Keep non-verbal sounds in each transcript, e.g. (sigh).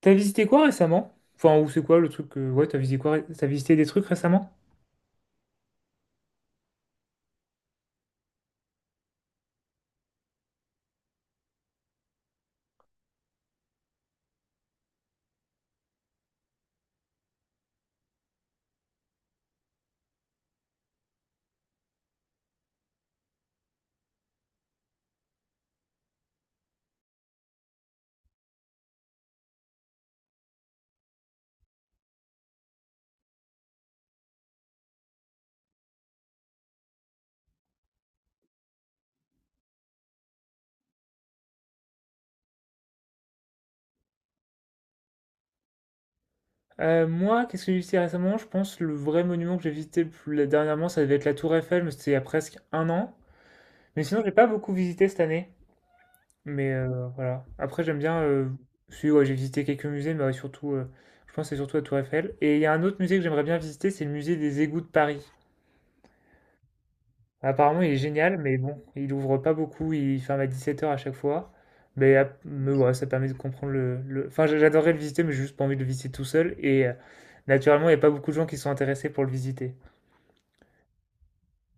T'as visité quoi récemment? Enfin, ou c'est quoi le truc que... Ouais, t'as visité quoi? T'as visité des trucs récemment? Moi, qu'est-ce que j'ai visité récemment? Je pense le vrai monument que j'ai visité dernièrement, ça devait être la Tour Eiffel, mais c'était il y a presque un an. Mais sinon, j'ai pas beaucoup visité cette année. Mais voilà. Après, j'aime bien. Si, ouais, j'ai visité quelques musées, mais ouais, surtout, je pense que c'est surtout la Tour Eiffel. Et il y a un autre musée que j'aimerais bien visiter, c'est le musée des égouts de Paris. Apparemment, il est génial, mais bon, il ouvre pas beaucoup, il ferme à 17h à chaque fois. Mais ouais, ça permet de comprendre enfin, j'adorerais le visiter, mais j'ai juste pas envie de le visiter tout seul. Et naturellement, il n'y a pas beaucoup de gens qui sont intéressés pour le visiter.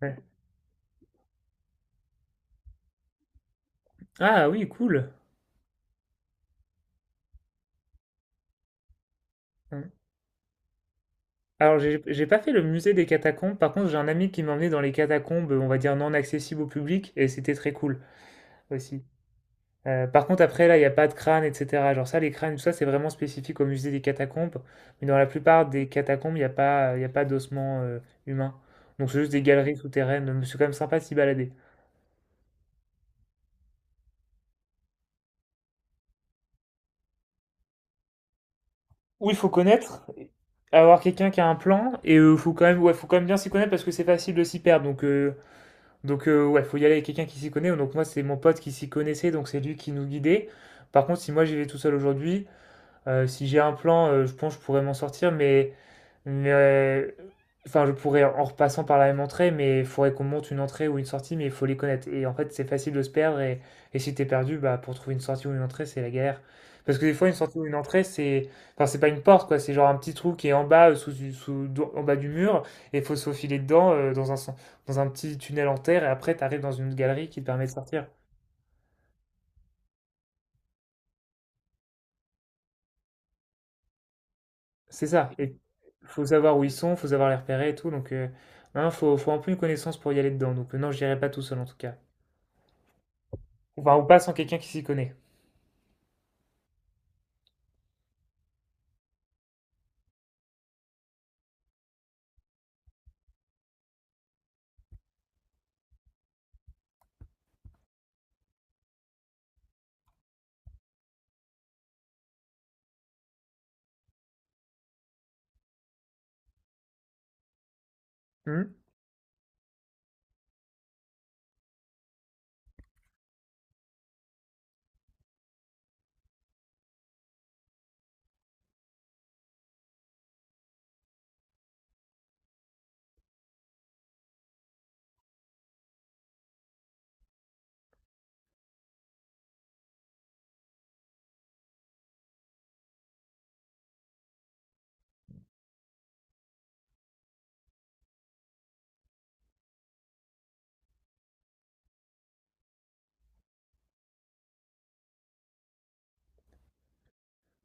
Ouais. Ah oui, cool. Hum. Alors, j'ai pas fait le musée des catacombes. Par contre, j'ai un ami qui m'a emmené dans les catacombes, on va dire non accessibles au public, et c'était très cool aussi. Par contre après là, il y a pas de crâne et cetera. Genre ça, les crânes, tout ça, c'est vraiment spécifique au musée des catacombes, mais dans la plupart des catacombes, il y a pas d'ossements, humains. Donc c'est juste des galeries souterraines, mais c'est quand même sympa de s'y balader. Oui il faut connaître, avoir quelqu'un qui a un plan et faut quand même ouais, faut quand même bien s'y connaître parce que c'est facile de s'y perdre donc ouais, faut y aller avec quelqu'un qui s'y connaît. Donc moi, c'est mon pote qui s'y connaissait, donc c'est lui qui nous guidait. Par contre, si moi j'y vais tout seul aujourd'hui, si j'ai un plan, je pense que je pourrais m'en sortir, mais, enfin, je pourrais en repassant par la même entrée, mais il faudrait qu'on monte une entrée ou une sortie, mais il faut les connaître. Et en fait, c'est facile de se perdre, et si t'es perdu, bah, pour trouver une sortie ou une entrée, c'est la galère. Parce que des fois, une sortie ou une entrée, c'est, enfin, c'est pas une porte, quoi, c'est genre un petit trou qui est en bas, sous, du- sous- do- en bas du mur, et il faut se faufiler dedans, dans un, dans un petit tunnel en terre, et après, t'arrives dans une galerie qui te permet de sortir. C'est ça. Et faut savoir où ils sont, faut savoir les repérer et tout. Donc, hein, faut un peu une connaissance pour y aller dedans. Donc, non, j'irai pas tout seul en tout cas. Enfin, ou pas sans quelqu'un qui s'y connaît. Hmm.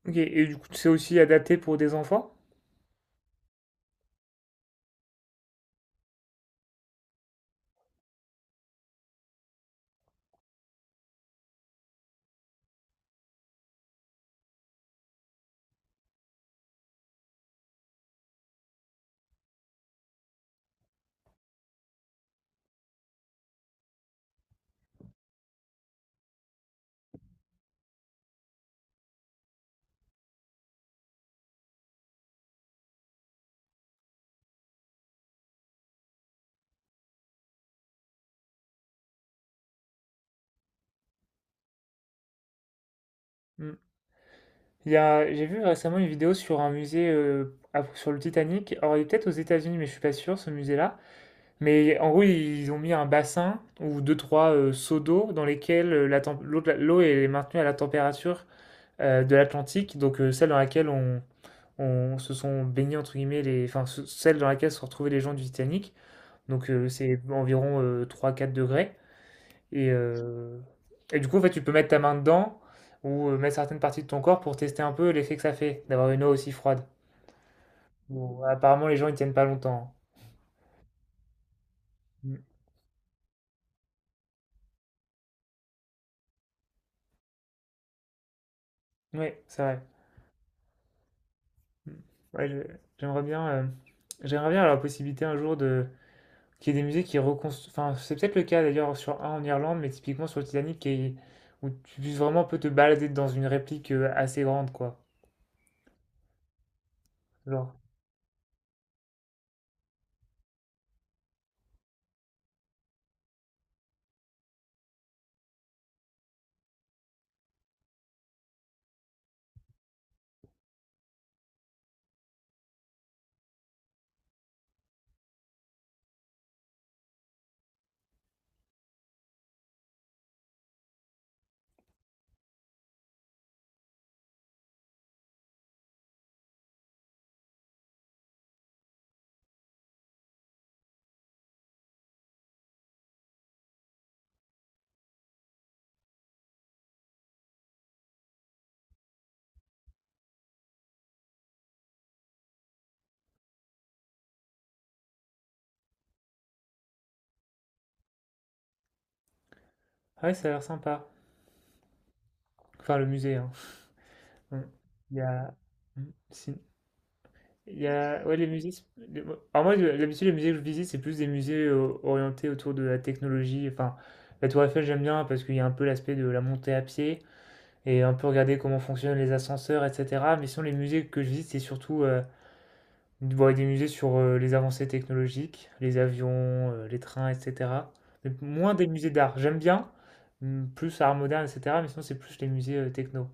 Ok. Et du coup, c'est aussi adapté pour des enfants? Hmm. Il y a, j'ai vu récemment une vidéo sur un musée, sur le Titanic. Alors, il est peut-être aux États-Unis, mais je suis pas sûr, ce musée-là. Mais en gros, ils ont mis un bassin ou deux, trois seaux d'eau dans lesquels la l'eau de l'eau est maintenue à la température de l'Atlantique, donc celle dans laquelle on se sont baignés, entre guillemets, les, enfin, celle dans laquelle se sont retrouvés les gens du Titanic. Donc, c'est environ 3-4 degrés. Et, euh, et du coup, en fait, tu peux mettre ta main dedans ou mettre certaines parties de ton corps pour tester un peu l'effet que ça fait d'avoir une eau aussi froide. Bon, apparemment, les gens ils tiennent pas longtemps. Mm. Oui, c'est vrai. Mm. Ouais, j'aimerais bien, euh, j'aimerais bien avoir la possibilité un jour de qu'il y ait des musées qui reconstruisent. Enfin, c'est peut-être le cas d'ailleurs sur un en Irlande, mais typiquement sur le Titanic, qui où tu puisses vraiment un peu te balader dans une réplique assez grande, quoi. Genre, ouais, ça a l'air sympa. Enfin, le musée, hein. Mm. Il y a. Mm. Sin- Il y a, ouais, les musées. C'est- les- Alors moi, d'habitude, les musées que je visite, c'est plus des musées orientés autour de la technologie. Enfin, la Tour Eiffel, j'aime bien parce qu'il y a un peu l'aspect de la montée à pied et un peu regarder comment fonctionnent les ascenseurs, etc. Mais sinon, les musées que je visite, c'est surtout bon, des musées sur les avancées technologiques, les avions, les trains, etc. Mais moins des musées d'art. J'aime bien, plus art moderne, etc. Mais sinon, c'est plus les musées techno.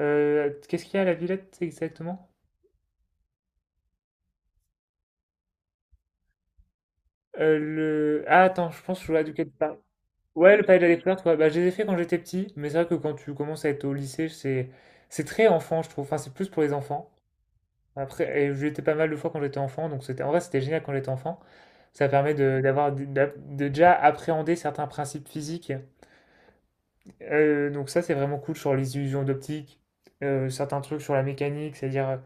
Qu'est-ce qu'il y a à la Villette exactement? Ah, attends, je pense que je vois de tu parles. Ouais, le palais de la découverte, ouais, bah, je les ai fait quand j'étais petit, mais c'est vrai que quand tu commences à être au lycée, c'est très enfant, je trouve. Enfin, c'est plus pour les enfants. Après, et j'y étais pas mal de fois quand j'étais enfant, donc c'était en vrai, c'était génial quand j'étais enfant. Ça permet de d'avoir de, d'a- de déjà appréhender certains principes physiques. Donc ça, c'est vraiment cool sur les illusions d'optique, certains trucs sur la mécanique, c'est-à-dire,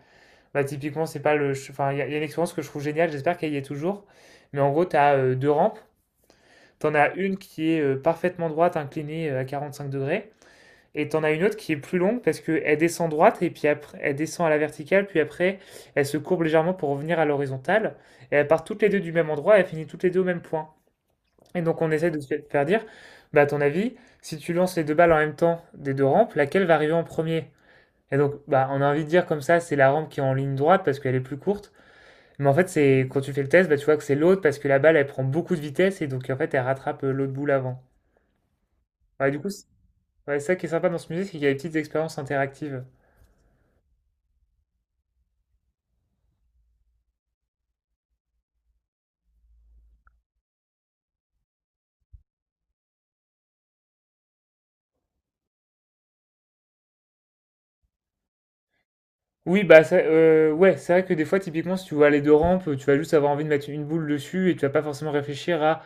bah, typiquement, c'est pas le... ch- enfin, il y a une expérience que je trouve géniale, j'espère qu'elle y est toujours. Mais en gros, tu as deux rampes. T'en as une qui est parfaitement droite, inclinée à 45 degrés, et t'en as une autre qui est plus longue parce qu'elle descend droite et puis après elle descend à la verticale, puis après elle se courbe légèrement pour revenir à l'horizontale, et elle part toutes les deux du même endroit, et elle finit toutes les deux au même point. Et donc on essaie de se faire dire, bah à ton avis, si tu lances les deux balles en même temps des deux rampes, laquelle va arriver en premier? Et donc bah on a envie de dire comme ça, c'est la rampe qui est en ligne droite parce qu'elle est plus courte. Mais en fait, c'est quand tu fais le test, bah, tu vois que c'est l'autre parce que la balle elle prend beaucoup de vitesse et donc en fait elle rattrape l'autre boule avant. Ouais, du coup, ça qui est sympa dans ce musée, c'est qu'il y a des petites expériences interactives. Oui, bah, ouais, c'est vrai que des fois, typiquement, si tu vois les deux rampes, tu vas juste avoir envie de mettre une boule dessus et tu vas pas forcément réfléchir à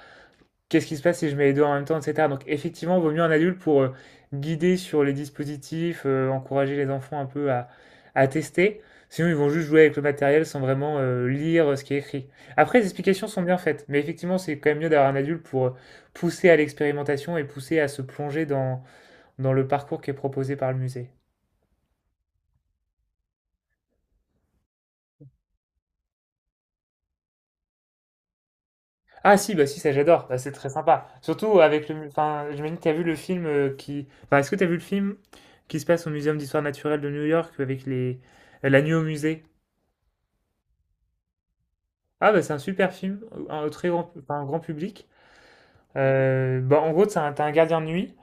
qu'est-ce qui se passe si je mets les deux en même temps, etc. Donc, effectivement, vaut mieux un adulte pour guider sur les dispositifs, encourager les enfants un peu à tester. Sinon, ils vont juste jouer avec le matériel sans vraiment lire ce qui est écrit. Après, les explications sont bien faites, mais effectivement, c'est quand même mieux d'avoir un adulte pour pousser à l'expérimentation et pousser à se plonger dans le parcours qui est proposé par le musée. Ah si, bah si, ça j'adore. Bah, c'est très sympa. Surtout avec enfin, j'imagine que t'as vu le film enfin, est-ce que t'as vu le film qui se passe au Muséum d'Histoire Naturelle de New York avec les... La nuit musée? Ah bah c'est un super film, enfin, un grand public. Bah, en gros, t'as un gardien de nuit.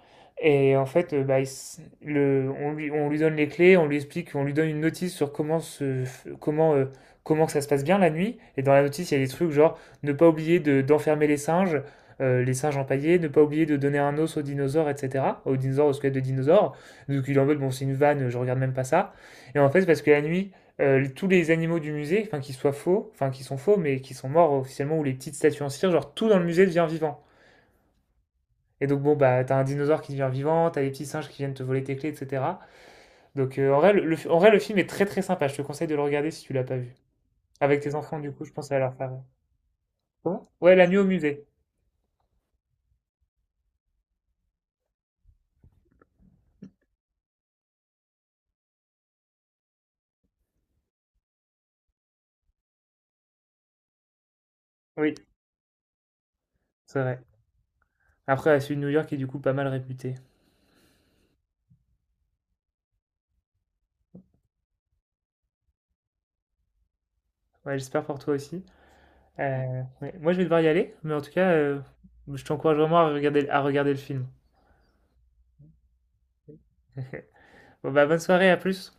Et en fait, bah, on lui donne les clés, on lui explique, on lui donne une notice sur comment que ça se passe bien la nuit. Et dans la notice, il y a des trucs genre ne pas oublier d'enfermer les singes empaillés, ne pas oublier de donner un os aux dinosaures, etc. Aux dinosaures, aux squelettes de dinosaures. Donc il est en mode, bon, c'est une vanne, je regarde même pas ça. Et en fait, parce que la nuit, tous les animaux du musée, enfin, qui soient faux, enfin, qui sont faux, mais qui sont morts officiellement, ou les petites statues en cire, genre tout dans le musée devient vivant. Et donc, bon, bah, t'as un dinosaure qui devient vivant, t'as des petits singes qui viennent te voler tes clés, etc. Donc, en vrai, en vrai, le film est très très sympa. Je te conseille de le regarder si tu l'as pas vu. Avec tes enfants, du coup, je pense à leur faire. Comment? Ouais, La nuit au musée. Oui, c'est vrai. Après, ouais, celui de New York est du coup pas mal réputé. Ouais, j'espère pour toi aussi. Ouais. Moi, je vais devoir y aller, mais en tout cas, je t'encourage vraiment à regarder le film. (laughs) Bon, bah, bonne soirée, à plus.